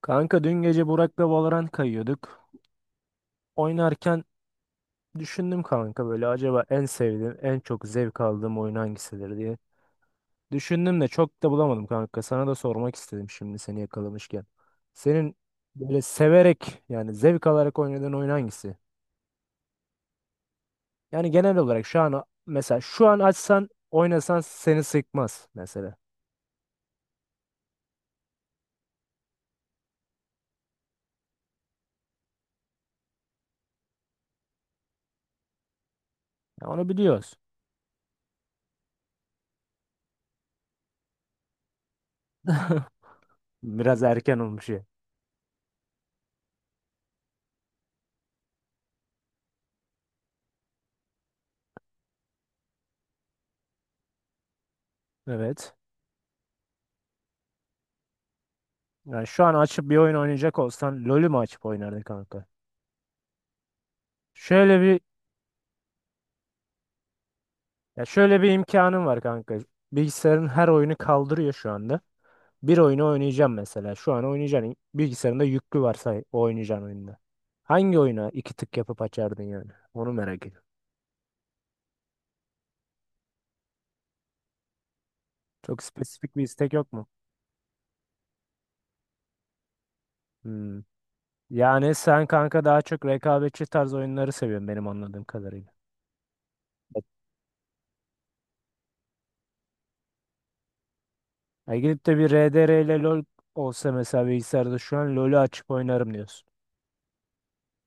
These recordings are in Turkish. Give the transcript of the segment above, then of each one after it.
Kanka dün gece Burak'la Valorant kayıyorduk. Oynarken düşündüm kanka böyle acaba en sevdiğim, en çok zevk aldığım oyun hangisidir diye. Düşündüm de çok da bulamadım kanka. Sana da sormak istedim şimdi seni yakalamışken. Senin böyle severek yani zevk alarak oynadığın oyun hangisi? Yani genel olarak şu an mesela şu an açsan oynasan seni sıkmaz mesela. Ya onu biliyoruz. Biraz erken olmuş ya. Evet. Yani şu an açıp bir oyun oynayacak olsan LoL'ü mü açıp oynardın kanka? Şöyle bir Ya şöyle bir imkanım var kanka. Bilgisayarın her oyunu kaldırıyor şu anda. Bir oyunu oynayacağım mesela. Şu an oynayacağın bilgisayarında yüklü varsa o oynayacağın oyunda. Hangi oyuna iki tık yapıp açardın yani? Onu merak ediyorum. Çok spesifik bir istek yok mu? Hmm. Yani sen kanka daha çok rekabetçi tarz oyunları seviyorsun benim anladığım kadarıyla. Evet. Ya gidip de bir RDR ile LoL olsa mesela bilgisayarda şu an LoL'ü açıp oynarım diyorsun.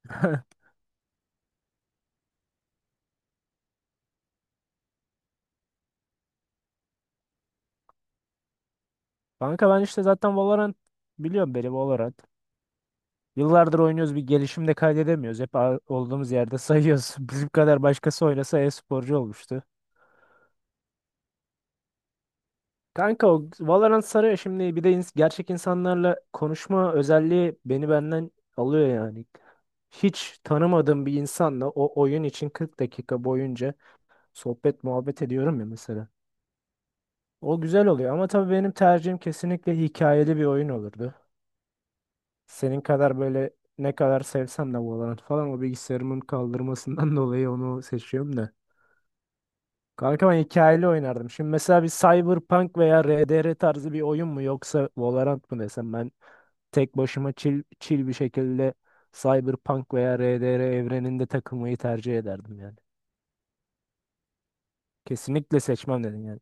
Kanka ben işte zaten Valorant biliyorum beni Valorant. Yıllardır oynuyoruz bir gelişim de kaydedemiyoruz. Hep olduğumuz yerde sayıyoruz. Bizim kadar başkası oynasa e-sporcu olmuştu. Kanka o Valorant sarıyor şimdi bir de gerçek insanlarla konuşma özelliği beni benden alıyor yani. Hiç tanımadığım bir insanla o oyun için 40 dakika boyunca sohbet muhabbet ediyorum ya mesela. O güzel oluyor ama tabii benim tercihim kesinlikle hikayeli bir oyun olurdu. Senin kadar böyle ne kadar sevsem de Valorant falan o bilgisayarımın kaldırmasından dolayı onu seçiyorum da. Kanka ben hikayeli oynardım. Şimdi mesela bir Cyberpunk veya RDR tarzı bir oyun mu yoksa Valorant mı desem ben tek başıma chill, chill bir şekilde Cyberpunk veya RDR evreninde takılmayı tercih ederdim yani. Kesinlikle seçmem dedin yani.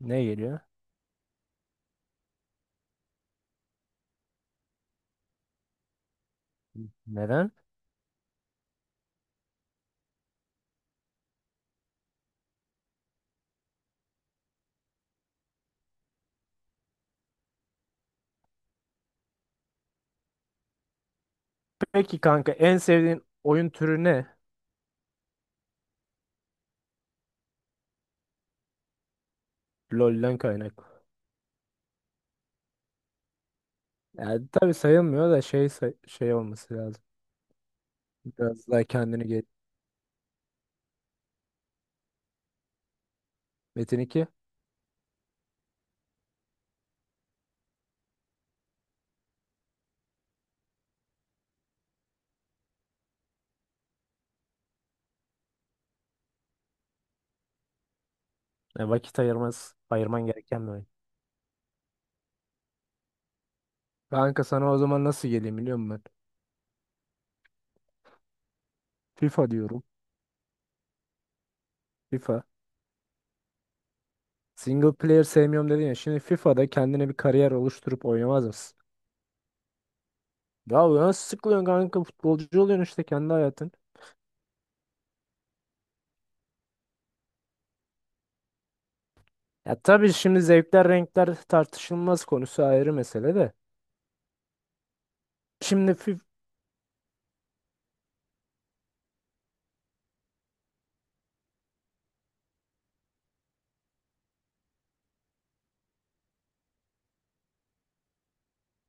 Ne geliyor? Neden? Peki kanka en sevdiğin oyun türü ne? LoL'den kaynaklı. Yani tabii sayılmıyor da olması lazım. Biraz daha kendini gel. Metin 2. E, vakit ayırmaz, ayırman gereken bir oyun. Kanka sana o zaman nasıl geleyim biliyor musun FIFA diyorum. FIFA. Single player sevmiyorum dedin ya. Şimdi FIFA'da kendine bir kariyer oluşturup oynamaz mısın? Ya bu nasıl sıkılıyorsun kanka? Futbolcu oluyorsun işte kendi hayatın. Ya tabii şimdi zevkler renkler tartışılmaz konusu ayrı mesele de. Şimdi FIFA,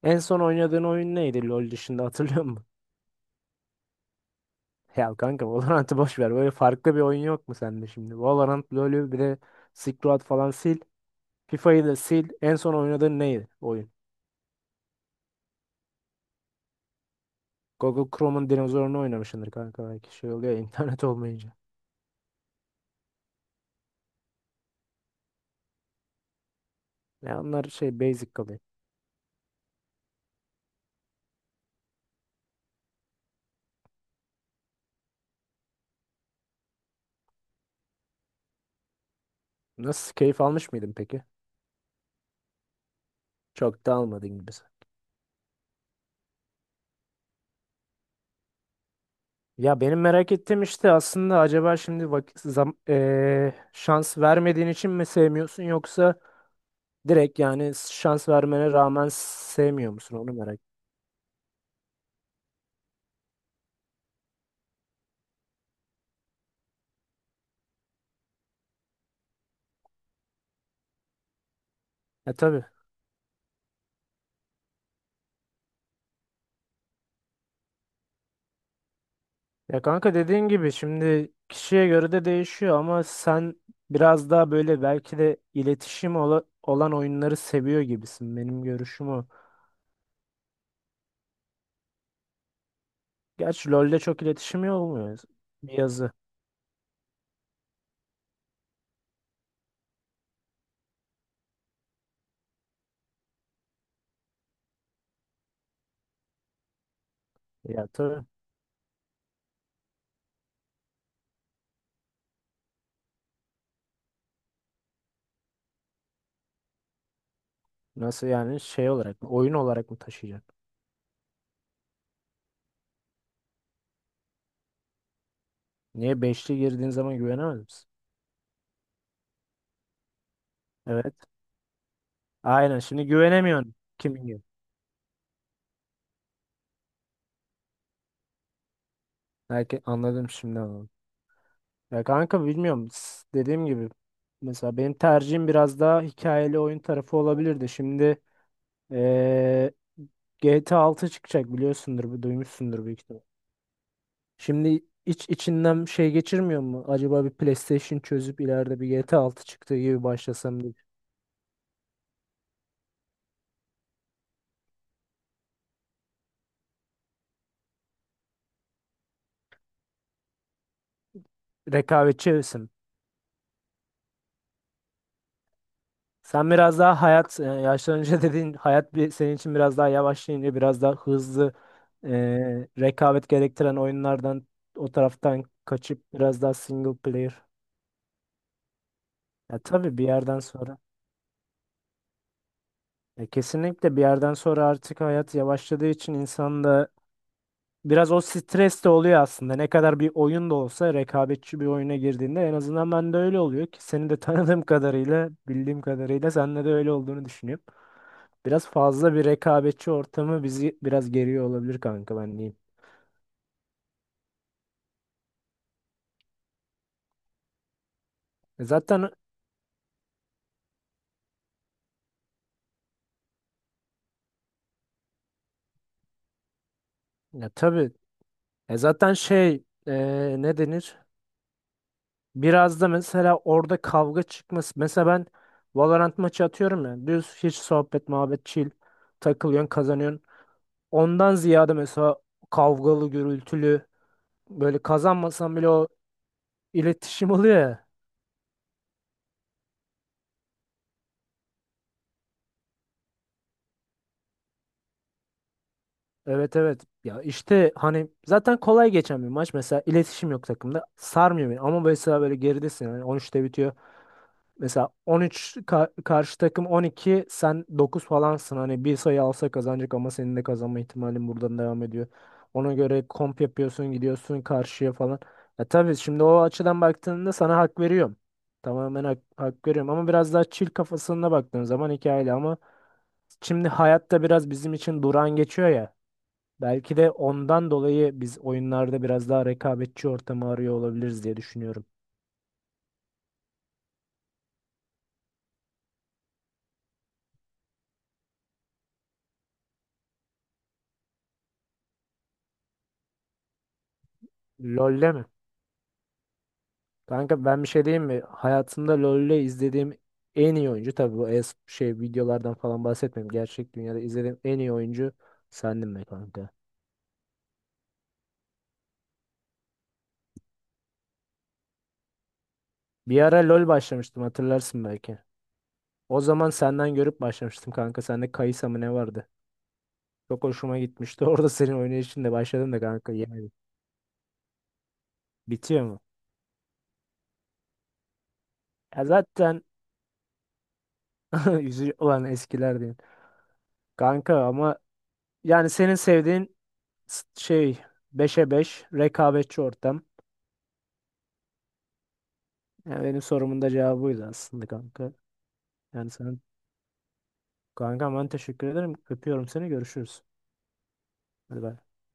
en son oynadığın oyun neydi LoL dışında hatırlıyor musun? Ya kanka Valorant'ı boş ver. Böyle farklı bir oyun yok mu sende şimdi? Valorant, LoL'ü bir de Silk Road falan sil. FIFA'yı da sil. En son oynadığın neydi oyun? Google Chrome'un dinozorunu oynamışsındır kanka belki şey oluyor ya, internet olmayınca. Ya onlar şey basic kalıyor. Nasıl keyif almış mıydın peki? Çok da almadın gibisi. Ya benim merak ettiğim işte aslında acaba şimdi vakit şans vermediğin için mi sevmiyorsun yoksa direkt yani şans vermene rağmen sevmiyor musun onu merak. Ya tabii. Ya kanka dediğin gibi şimdi kişiye göre de değişiyor ama sen biraz daha böyle belki de iletişim ola- olan oyunları seviyor gibisin benim görüşüm o. Gerçi LoL'de çok iletişim olmuyor bir yazı. Ya tabii. Nasıl yani şey olarak mı? Oyun olarak mı taşıyacak? Niye beşli girdiğin zaman güvenemez misin? Evet. Aynen şimdi güvenemiyorsun. Kimin gibi? Belki anladım şimdi anladım. Ya kanka bilmiyorum. S- Dediğim gibi mesela benim tercihim biraz daha hikayeli oyun tarafı olabilirdi. Şimdi eee GTA 6 çıkacak biliyorsundur, bu- duymuşsundur büyük ihtimal. Şimdi iç içinden şey geçirmiyor mu? Acaba bir PlayStation çözüp ileride bir GTA 6 çıktığı gibi başlasam diye. Rekabetçi hevesim. Sen biraz daha hayat e, yaşlanınca dediğin hayat bir senin için biraz daha yavaşlayınca biraz daha hızlı e, rekabet gerektiren oyunlardan o taraftan kaçıp biraz daha single player. Ya tabii bir yerden sonra. Ya kesinlikle bir yerden sonra artık hayat yavaşladığı için insan da Biraz o stres de oluyor aslında. Ne kadar bir oyun da olsa rekabetçi bir oyuna girdiğinde en azından ben de öyle oluyor ki seni de tanıdığım kadarıyla, bildiğim kadarıyla sende de öyle olduğunu düşünüyorum. Biraz fazla bir rekabetçi ortamı bizi biraz geriyor olabilir kanka ben diyeyim. E zaten ya tabii e zaten şey e, ne denir? Biraz da mesela orada kavga çıkması. Mesela ben Valorant maçı atıyorum ya. Düz hiç sohbet, muhabbet, chill. Takılıyorsun, kazanıyorsun. Ondan ziyade mesela kavgalı, gürültülü böyle kazanmasan bile o iletişim oluyor ya. Evet evet. Ya işte hani zaten kolay geçen bir maç. Mesela iletişim yok takımda. Sarmıyor beni. Ama mesela böyle geridesin. Yani on üçte bitiyor. Mesela 13 ka- karşı takım 12 sen 9 falansın. Hani bir sayı alsa kazanacak ama senin de kazanma ihtimalin buradan devam ediyor. Ona göre komp yapıyorsun gidiyorsun karşıya falan. Ya tabii şimdi o açıdan baktığında sana hak veriyorum. Tamamen hak, hak veriyorum ama biraz daha chill kafasına baktığın zaman hikayeli ama şimdi hayatta biraz bizim için durağan geçiyor ya. Belki de ondan dolayı biz oyunlarda biraz daha rekabetçi ortamı arıyor olabiliriz diye düşünüyorum. LoL'le mi? Kanka ben bir şey diyeyim mi? Hayatımda LoL'le izlediğim en iyi oyuncu tabii bu es şey videolardan falan bahsetmiyorum. Gerçek dünyada izlediğim en iyi oyuncu sendin be kanka. Bir ara LoL başlamıştım hatırlarsın belki. O zaman senden görüp başlamıştım kanka. Sende Kai'Sa mı ne vardı? Çok hoşuma gitmişti. Orada senin oynayışınla başladım da kanka. Yani bitiyor mu? Ya zaten yüzü olan eskiler diyeyim. Kanka ama yani senin sevdiğin s- şey beşe 5 rekabetçi ortam. Yani benim sorumun da cevabı buydu aslında kanka. Yani sen kanka ben teşekkür ederim. Öpüyorum seni. Görüşürüz. Hadi bay.